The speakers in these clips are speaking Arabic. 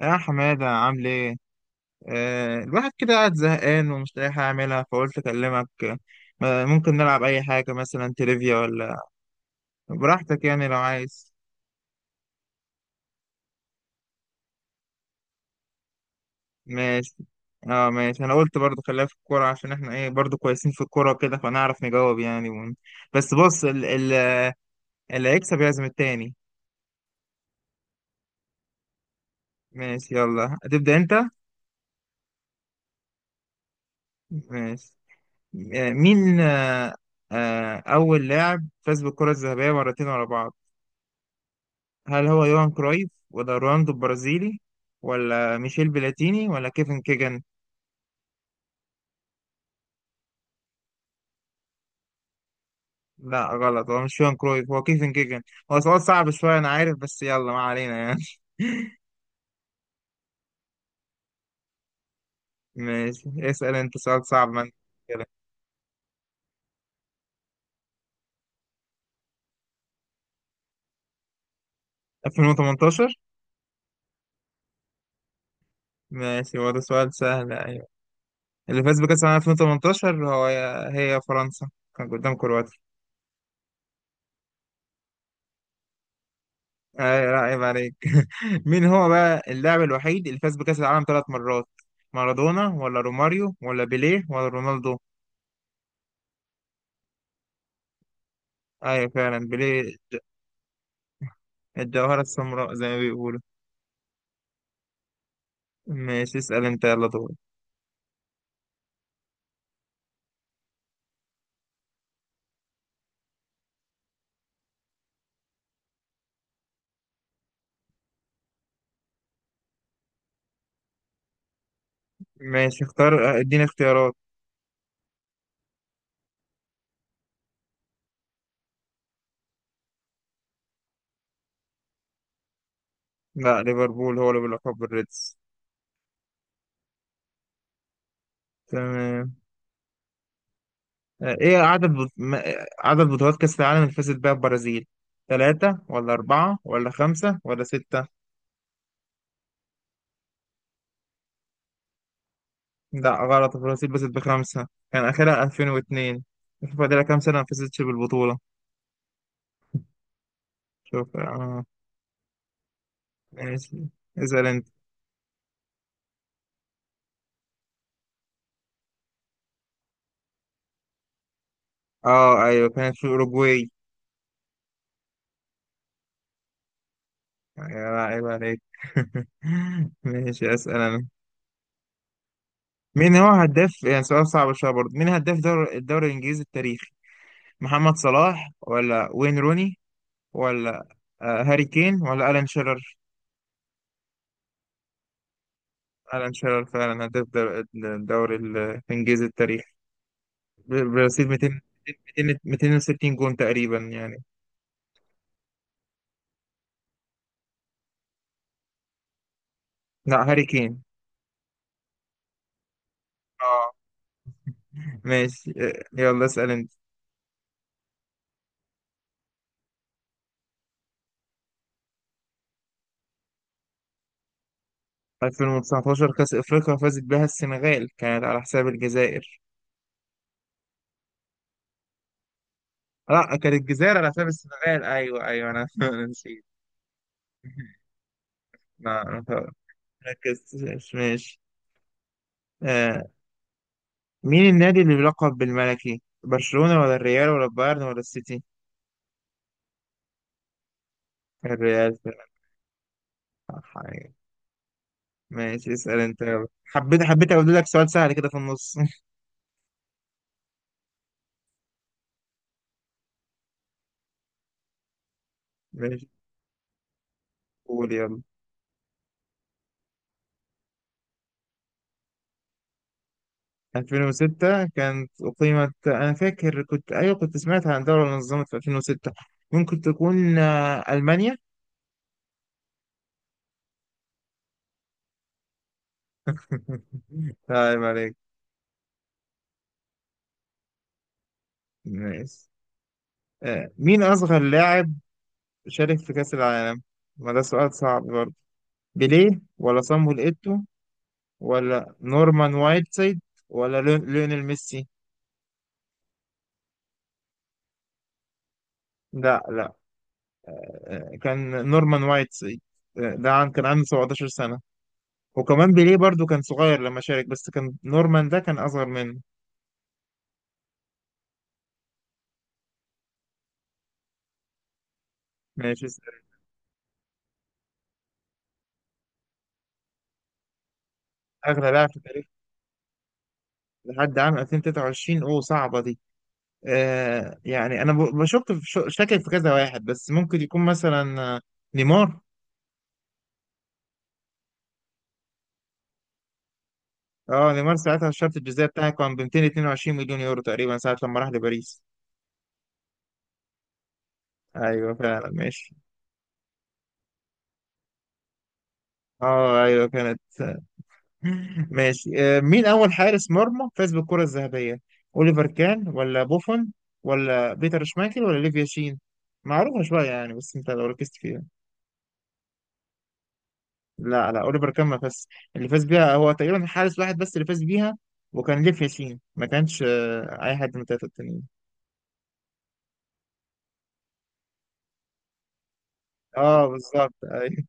يا حمادة عامل ايه؟ الواحد كده قاعد زهقان ومش لاقي حاجة أعملها، فقلت أكلمك. ممكن نلعب أي حاجة، مثلا تريفيا ولا؟ براحتك يعني، لو عايز. ماشي. اه ماشي، أنا قلت برضو خليها في الكورة، عشان احنا ايه، برضو كويسين في الكورة كده، فنعرف نجاوب يعني بس بص اللي هيكسب يعزم التاني. ماشي، يلا هتبدأ أنت؟ ماشي. آه مين آه آه أول لاعب فاز بالكرة الذهبية مرتين ورا بعض؟ هل هو يوهان كرويف ولا رونالدو البرازيلي ولا ميشيل بلاتيني ولا كيفن كيجن؟ لا غلط، هو مش يوهان كرويف، هو كيفن كيجن. هو سؤال صعب شوية أنا عارف، بس يلا ما علينا يعني. ماشي، اسأل أنت سؤال صعب من كده. 2018. ماشي، هو ده سؤال سهل، أيوة. اللي فاز بكأس العالم 2018 هو، هي فرنسا، كان قدام كرواتيا. أي لا، عيب عليك. مين هو بقى اللاعب الوحيد اللي فاز بكأس العالم ثلاث مرات؟ مارادونا ولا روماريو ولا بيليه ولا رونالدو؟ أيوة فعلا بيليه، الجوهرة السمراء زي ما بيقولوا. ماشي، اسأل أنت، يلا دور. ماشي اختار، اديني اختيارات. لا، ليفربول هو اللي بيلقب بالريدز. تمام. إيه عدد بط... ما- عدد بطولات كأس العالم اللي فازت بيها البرازيل؟ ثلاثة ولا أربعة ولا خمسة ولا ستة؟ لا غلط، البرازيل فازت بخمسة، كان آخرها 2002. شوف فاضلها كام سنة ما فازتش بالبطولة. شوف. ماشي، اسأل أنت. اه ايوه، كانت في اوروجواي. يا عيب عليك. ماشي اسال انا. مين هو هداف، يعني سؤال صعب شويه برضه، مين هداف دور الدوري الانجليزي التاريخي؟ محمد صلاح ولا وين روني ولا هاري كين ولا الان شيرر؟ الان شيرر فعلا هداف الدوري الانجليزي التاريخي برصيد 200، 200، 260 جون تقريبا يعني. لا، هاري كين. اه ماشي. يلا اسال انت. 2019 كأس أفريقيا فازت بها السنغال، كانت على حساب الجزائر. لا، كانت الجزائر على حساب السنغال، ايوه ايوه، انا أنا نسيت. لا انا ركزت. ماشي. آه. مين النادي اللي بيلقب بالملكي؟ برشلونة ولا الريال ولا البايرن ولا السيتي؟ الريال. صح، أيوة. ماشي، اسأل انت يلا. حبيت اقول لك سؤال سهل كده في النص. ماشي، قول يلا. 2006 كانت أقيمت، أنا فاكر كنت، أيوة كنت سمعت عن دولة نظمت في 2006، ممكن تكون ألمانيا. طيب عليك. ماشي. مين أصغر لاعب شارك في كأس العالم؟ ما ده سؤال صعب برضه. بيليه ولا صامويل إيتو ولا نورمان وايتسايد ولا ليونيل ميسي؟ لا لا، كان نورمان وايتسايد. ده عن كان عنده 17 سنة، وكمان بيليه برضه كان صغير لما شارك بس كان نورمان ده كان أصغر منه. ماشي، اسأل. أغلى لاعب في تاريخ لحد عام 2023، أوه صعبة دي. يعني أنا بشك في، شاكك في كذا واحد، بس ممكن يكون مثلا نيمار. اه نيمار ساعتها الشرط الجزائي بتاعه كان ب 222 مليون يورو تقريبا، ساعة لما راح لباريس. ايوه فعلا ماشي. اه ايوه كانت. ماشي. مين اول حارس مرمى فاز بالكرة الذهبية؟ اوليفر كان ولا بوفون ولا بيتر شمايكل ولا ليفيا شين؟ معروفة شوية يعني، بس انت لو ركزت فيها. لا لا، اوليفر كان ما فاز. اللي فاز بيها هو تقريبا حارس واحد بس اللي فاز بيها، وكان ليفيا شين، ما كانش اي حد من التلاتة التانيين. اه بالظبط ايوه.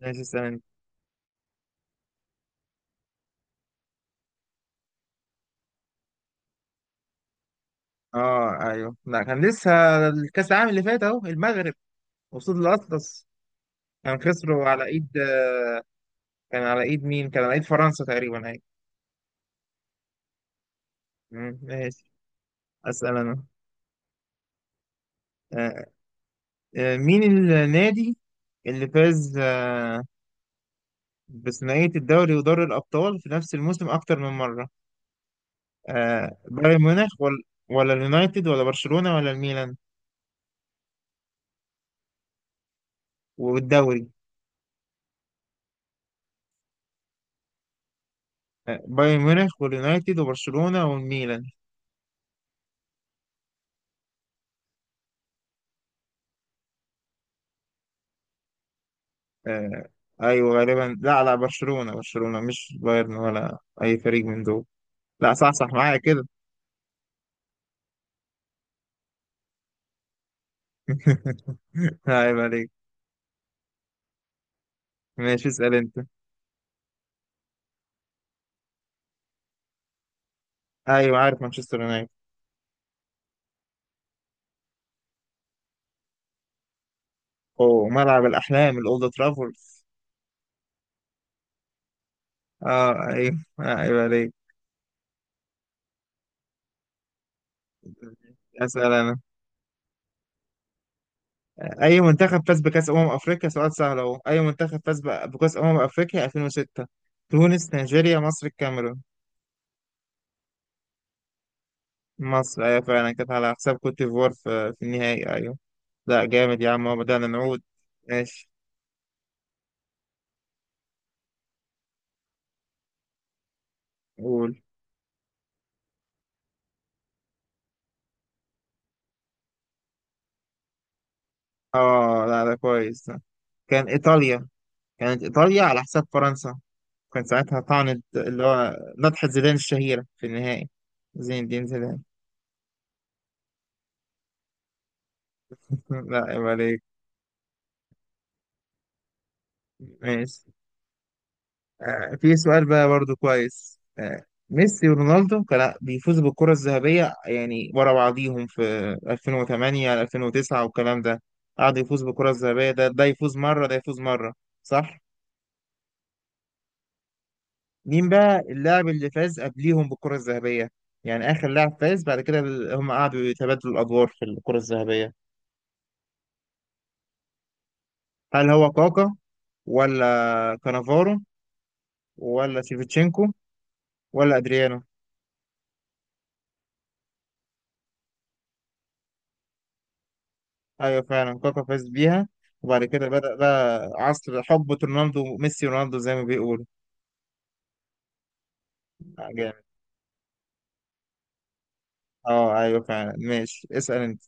ماشي سلام. اه ايوه، لا، كان لسه الكاس العالم اللي فات اهو المغرب قصاد الاطلس، كان خسروا على ايد، كان على ايد مين، كان على ايد فرنسا تقريبا ايوه. مم، ماشي، اسال انا. آه، مين النادي اللي فاز بثنائية الدوري ودوري الأبطال في نفس الموسم أكتر من مرة؟ بايرن ميونخ ولا اليونايتد ولا برشلونة ولا الميلان؟ والدوري. بايرن ميونخ واليونايتد وبرشلونة والميلان. آه، ايوه غالبا، لا لا، برشلونة، برشلونة مش بايرن ولا اي فريق من دول. لا، صح صح، معايا كده. عيب عليك. ماشي، اسأل انت. ايوه عارف مانشستر يونايتد. اوه، ملعب الاحلام، الاولد ترافورد. اه ايوه، عيب عليك. اسال انا. اي منتخب فاز بكاس افريقيا، سؤال سهل اهو، اي منتخب فاز بكاس افريقيا 2006؟ تونس، نيجيريا، مصر، الكاميرون؟ مصر، ايوه فعلا، كانت على حساب كوت ديفوار في النهائي ايوه. لا جامد يا عم، هو بدأنا نعود. ماشي. قول. اه لا، ده كويس ده. كان ايطاليا، كانت ايطاليا على حساب فرنسا، كان ساعتها طعنت اللي هو نطحة زيدان الشهيرة في النهائي. زين الدين زيدان. لا، عيب عليك. ماشي. في سؤال بقى برضو كويس. ميسي ورونالدو كان بيفوزوا بالكرة الذهبية يعني ورا بعضيهم في 2008 2009 والكلام ده، قعد يفوز بالكرة الذهبية، ده ده يفوز مرة، ده يفوز مرة، صح؟ مين بقى اللاعب اللي فاز قبليهم بالكرة الذهبية؟ يعني آخر لاعب فاز بعد كده هم قعدوا يتبادلوا الأدوار في الكرة الذهبية. هل هو كاكا ولا كانافارو ولا شيفتشينكو ولا أدريانو؟ أيوة فعلا، كاكا فاز بيها. وبعد كده بدأ بقى عصر حقبة رونالدو، ميسي ورونالدو زي ما بيقولوا. آه، جامد. اه ايوه فعلا، ماشي اسأل انت.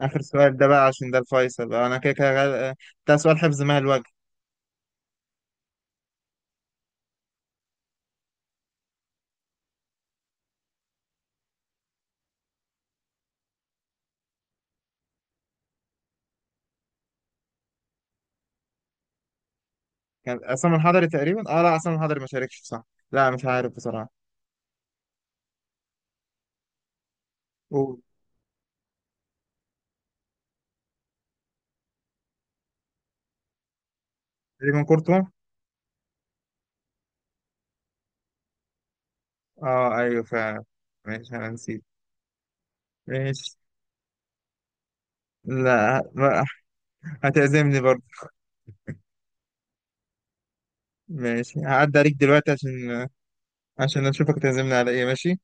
آخر سؤال ده بقى، عشان ده الفيصل بقى، انا كده كده ده سؤال حفظ مال. كان عصام الحضري تقريبا، لا، عصام الحضري ما شاركش، صح. لا، مش عارف بصراحة. قول. تقريبا كورتوا. اه ايوه فعلا. ماشي، انا نسيت. ماشي. لا هتعزمني برضه. ماشي، هعدي عليك دلوقتي عشان اشوفك تعزمني على ايه. ماشي.